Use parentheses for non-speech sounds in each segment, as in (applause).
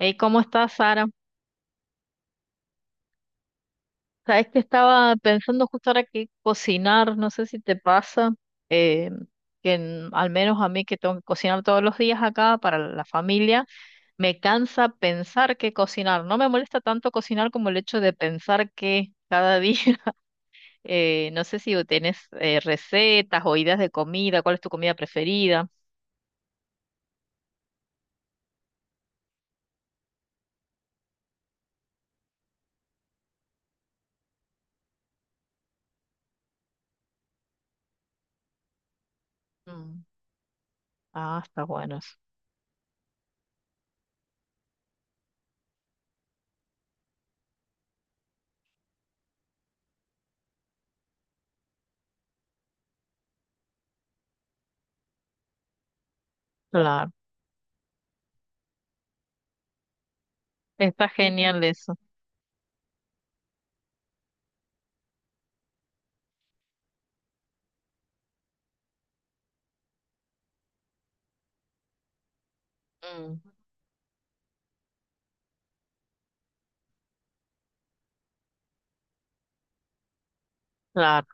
Hey, ¿cómo estás, Sara? Sabes que estaba pensando justo ahora que cocinar, no sé si te pasa, eh, que al menos a mí que tengo que cocinar todos los días acá para la familia, me cansa pensar que cocinar. No me molesta tanto cocinar como el hecho de pensar que cada día, (laughs) no sé si tenés recetas o ideas de comida, cuál es tu comida preferida. Mm. Ah, está bueno eso. Claro, está genial eso. Mm. Claro.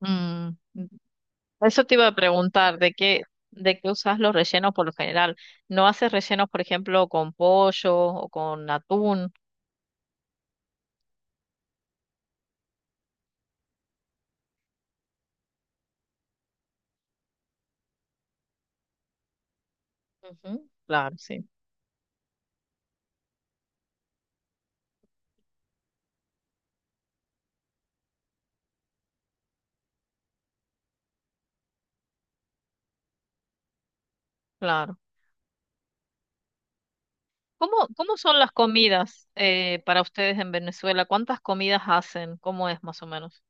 Mm. Eso te iba a preguntar, de qué usas los rellenos por lo general? ¿No haces rellenos, por ejemplo, con pollo o con atún? Ujú, claro, sí, claro. ¿Cómo son las comidas para ustedes en Venezuela? ¿Cuántas comidas hacen? ¿Cómo es más o menos?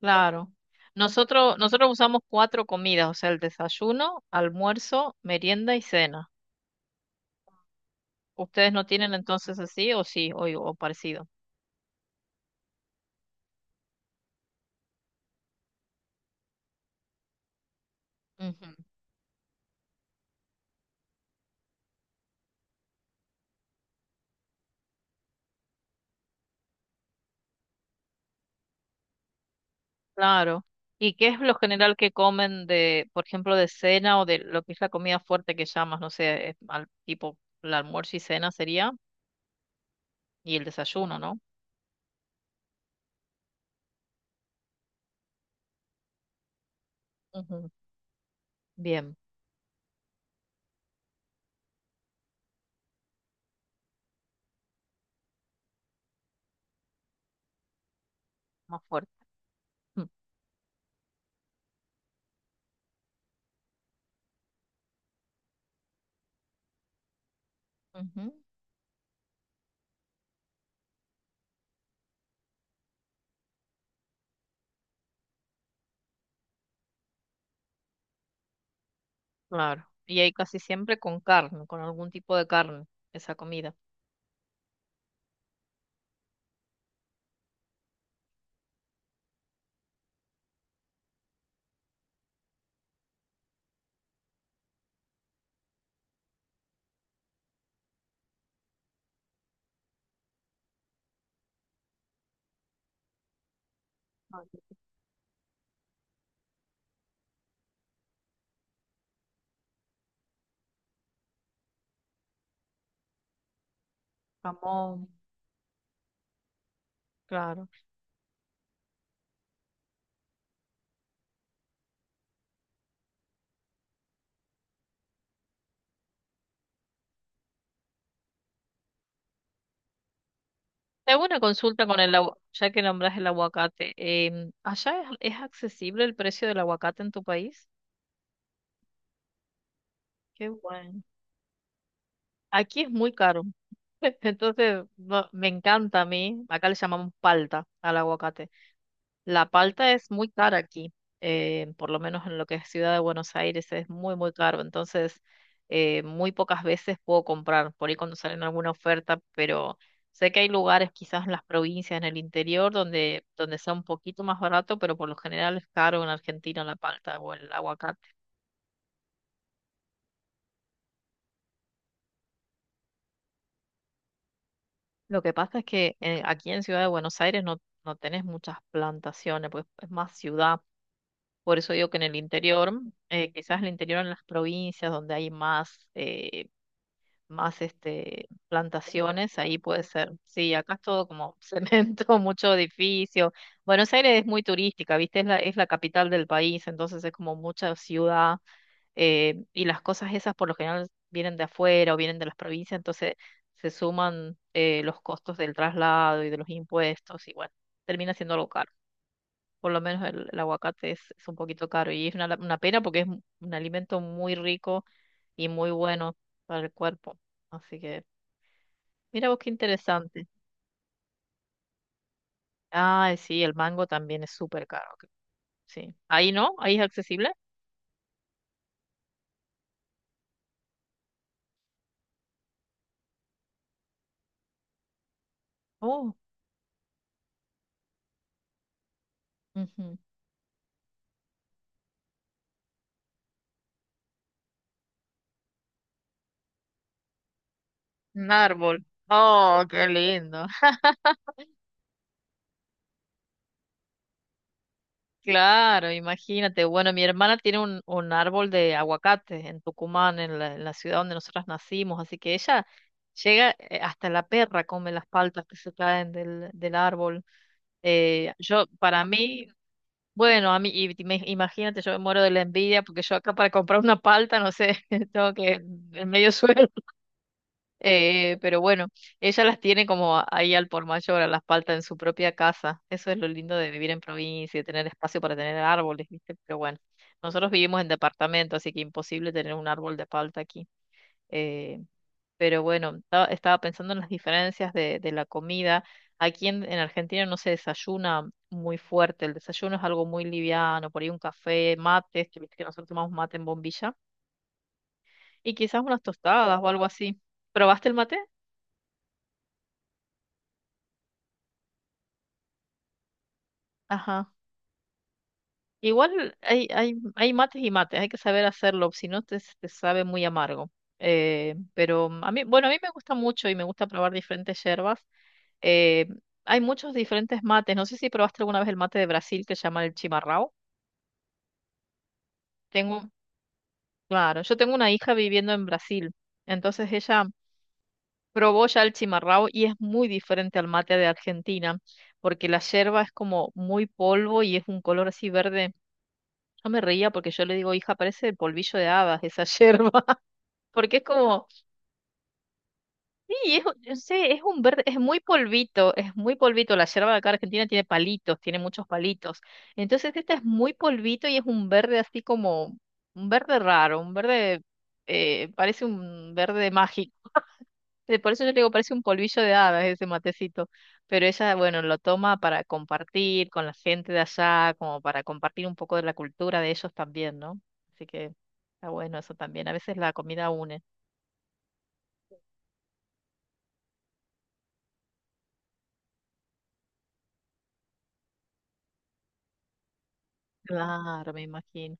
Claro. Nosotros usamos cuatro comidas, o sea, el desayuno, almuerzo, merienda y cena. ¿Ustedes no tienen entonces así o sí, o parecido? Claro. ¿Y qué es lo general que comen de, por ejemplo, de cena o de lo que es la comida fuerte que llamas? No sé, tipo el almuerzo y cena sería, y el desayuno, ¿no? Ujú. Bien, más fuerte. Mm. Ujú. Claro. Y ahí casi siempre con carne, con algún tipo de carne, esa comida. Ah, el Jamón. Claro. Tengo una consulta con el agua, ya que nombras el aguacate. ¿Allá es accesible el precio del aguacate en tu país? Qué bueno. Aquí es muy caro. (laughs) Entonces, me encanta a mí, acá le llamamos palta al aguacate. La palta es muy cara aquí, por lo menos en lo que es Ciudad de Buenos Aires es muy, muy caro, entonces muy pocas veces puedo comprar, por ahí cuando salen alguna oferta, pero sé que hay lugares quizás en las provincias, en el interior, donde, donde sea un poquito más barato, pero por lo general es caro en Argentina la palta o el aguacate. Lo que pasa es que aquí en Ciudad de Buenos Aires no tenés muchas plantaciones, pues es más ciudad. Por eso digo que en el interior, quizás el interior en las provincias donde hay más, plantaciones, ahí puede ser. Sí, acá es todo como (laughs) cemento, mucho edificio. Buenos Aires es muy turística, ¿viste? Es la capital del país, entonces es como mucha ciudad y las cosas esas por lo general vienen de afuera o vienen de las provincias, entonces se suman los costos del traslado y de los impuestos y bueno, termina siendo local por lo menos el aguacate es un poquito caro y es una, una pena porque es un alimento muy rico y muy bueno para el cuerpo. Así que, mira vos qué interesante. Ah sí, el mango también es súper caro. Sí. Ahí no, ahí es accesible. Oh. Ujú. Un árbol. Oh, qué lindo. Claro, imagínate. Bueno, mi hermana tiene un árbol de aguacate en Tucumán, en la ciudad donde nosotras nacimos, así que ella llega, hasta la perra come las paltas que se caen del, del árbol. Yo, para mí, bueno, a mí, imagínate, yo me muero de la envidia porque yo acá para comprar una palta, no sé, (laughs) tengo que en medio suelo pero bueno, ella las tiene como ahí al por mayor, a las paltas en su propia casa. Eso es lo lindo de vivir en provincia y tener espacio para tener árboles, ¿viste? Pero bueno, nosotros vivimos en departamento, así que imposible tener un árbol de palta aquí. Eh, pero bueno, estaba pensando en las diferencias de la comida. Aquí en Argentina no se desayuna muy fuerte, el desayuno es algo muy liviano, por ahí un café, mates, que viste que nosotros tomamos mate en bombilla, y quizás unas tostadas o algo así. ¿Probaste el mate? Ajá. Igual hay, hay mates y mates, hay que saber hacerlo, si no te, te sabe muy amargo. Pero a mí, bueno, a mí me gusta mucho y me gusta probar diferentes hierbas. Eh, Hay muchos diferentes mates. No sé si probaste alguna vez el mate de Brasil que se llama el chimarrão. Tengo, claro, yo tengo una hija viviendo en Brasil, entonces ella probó ya el chimarrão y es muy diferente al mate de Argentina, porque la yerba es como muy polvo y es un color así verde. Yo me reía porque yo le digo, hija, parece el polvillo de hadas esa (laughs) yerba. Porque es como, sí, es, yo sé, es un verde, es muy polvito, es muy polvito. La yerba de acá argentina tiene palitos, tiene muchos palitos. Entonces esta es muy polvito y es un verde así como, un verde raro, parece un verde mágico. Por eso yo le digo, parece un polvillo de hadas ese matecito. Pero ella, bueno, lo toma para compartir con la gente de allá, como para compartir un poco de la cultura de ellos también, ¿no? Así que está bueno eso también. A veces la comida une. Claro, me imagino.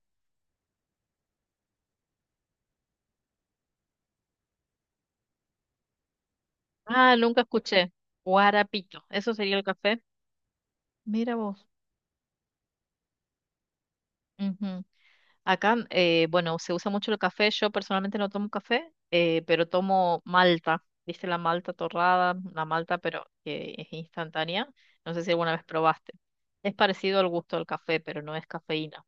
Ah, nunca escuché. Guarapito, eso sería el café. Mira vos. Ujú. Acá, bueno, se usa mucho el café. Yo personalmente no tomo café, pero tomo malta. ¿Viste la malta torrada? La malta, pero que es instantánea. No sé si alguna vez probaste. Es parecido al gusto del café, pero no es cafeína.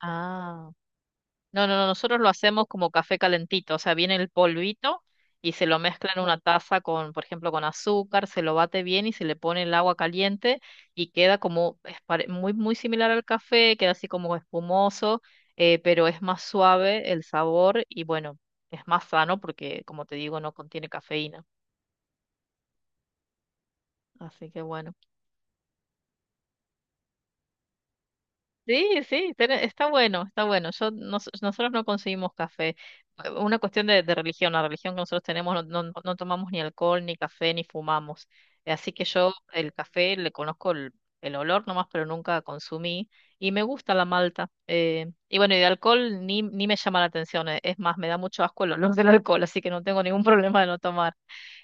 Ah. No, no, no, nosotros lo hacemos como café calentito, o sea, viene el polvito y se lo mezcla en una taza con, por ejemplo, con azúcar, se lo bate bien y se le pone el agua caliente y queda como es muy, muy similar al café, queda así como espumoso, pero es más suave el sabor y bueno, es más sano porque, como te digo, no contiene cafeína. Así que bueno. Sí, sí, está bueno, está bueno. Yo, nosotros no conseguimos café. Una cuestión de religión, la religión que nosotros tenemos, no tomamos ni alcohol, ni café, ni fumamos. Así que yo el café le conozco el olor nomás, pero nunca consumí. Y me gusta la malta. Y bueno, y de alcohol ni me llama la atención. Es más, me da mucho asco el olor del alcohol, así que no tengo ningún (laughs) problema de no tomar.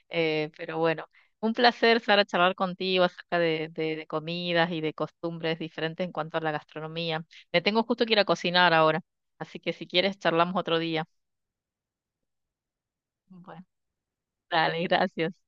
Pero bueno, un placer, Sara, charlar contigo acerca de, de comidas y de costumbres diferentes en cuanto a la gastronomía. Me tengo justo que ir a cocinar ahora, así que si quieres, charlamos otro día. Bueno, dale, gracias.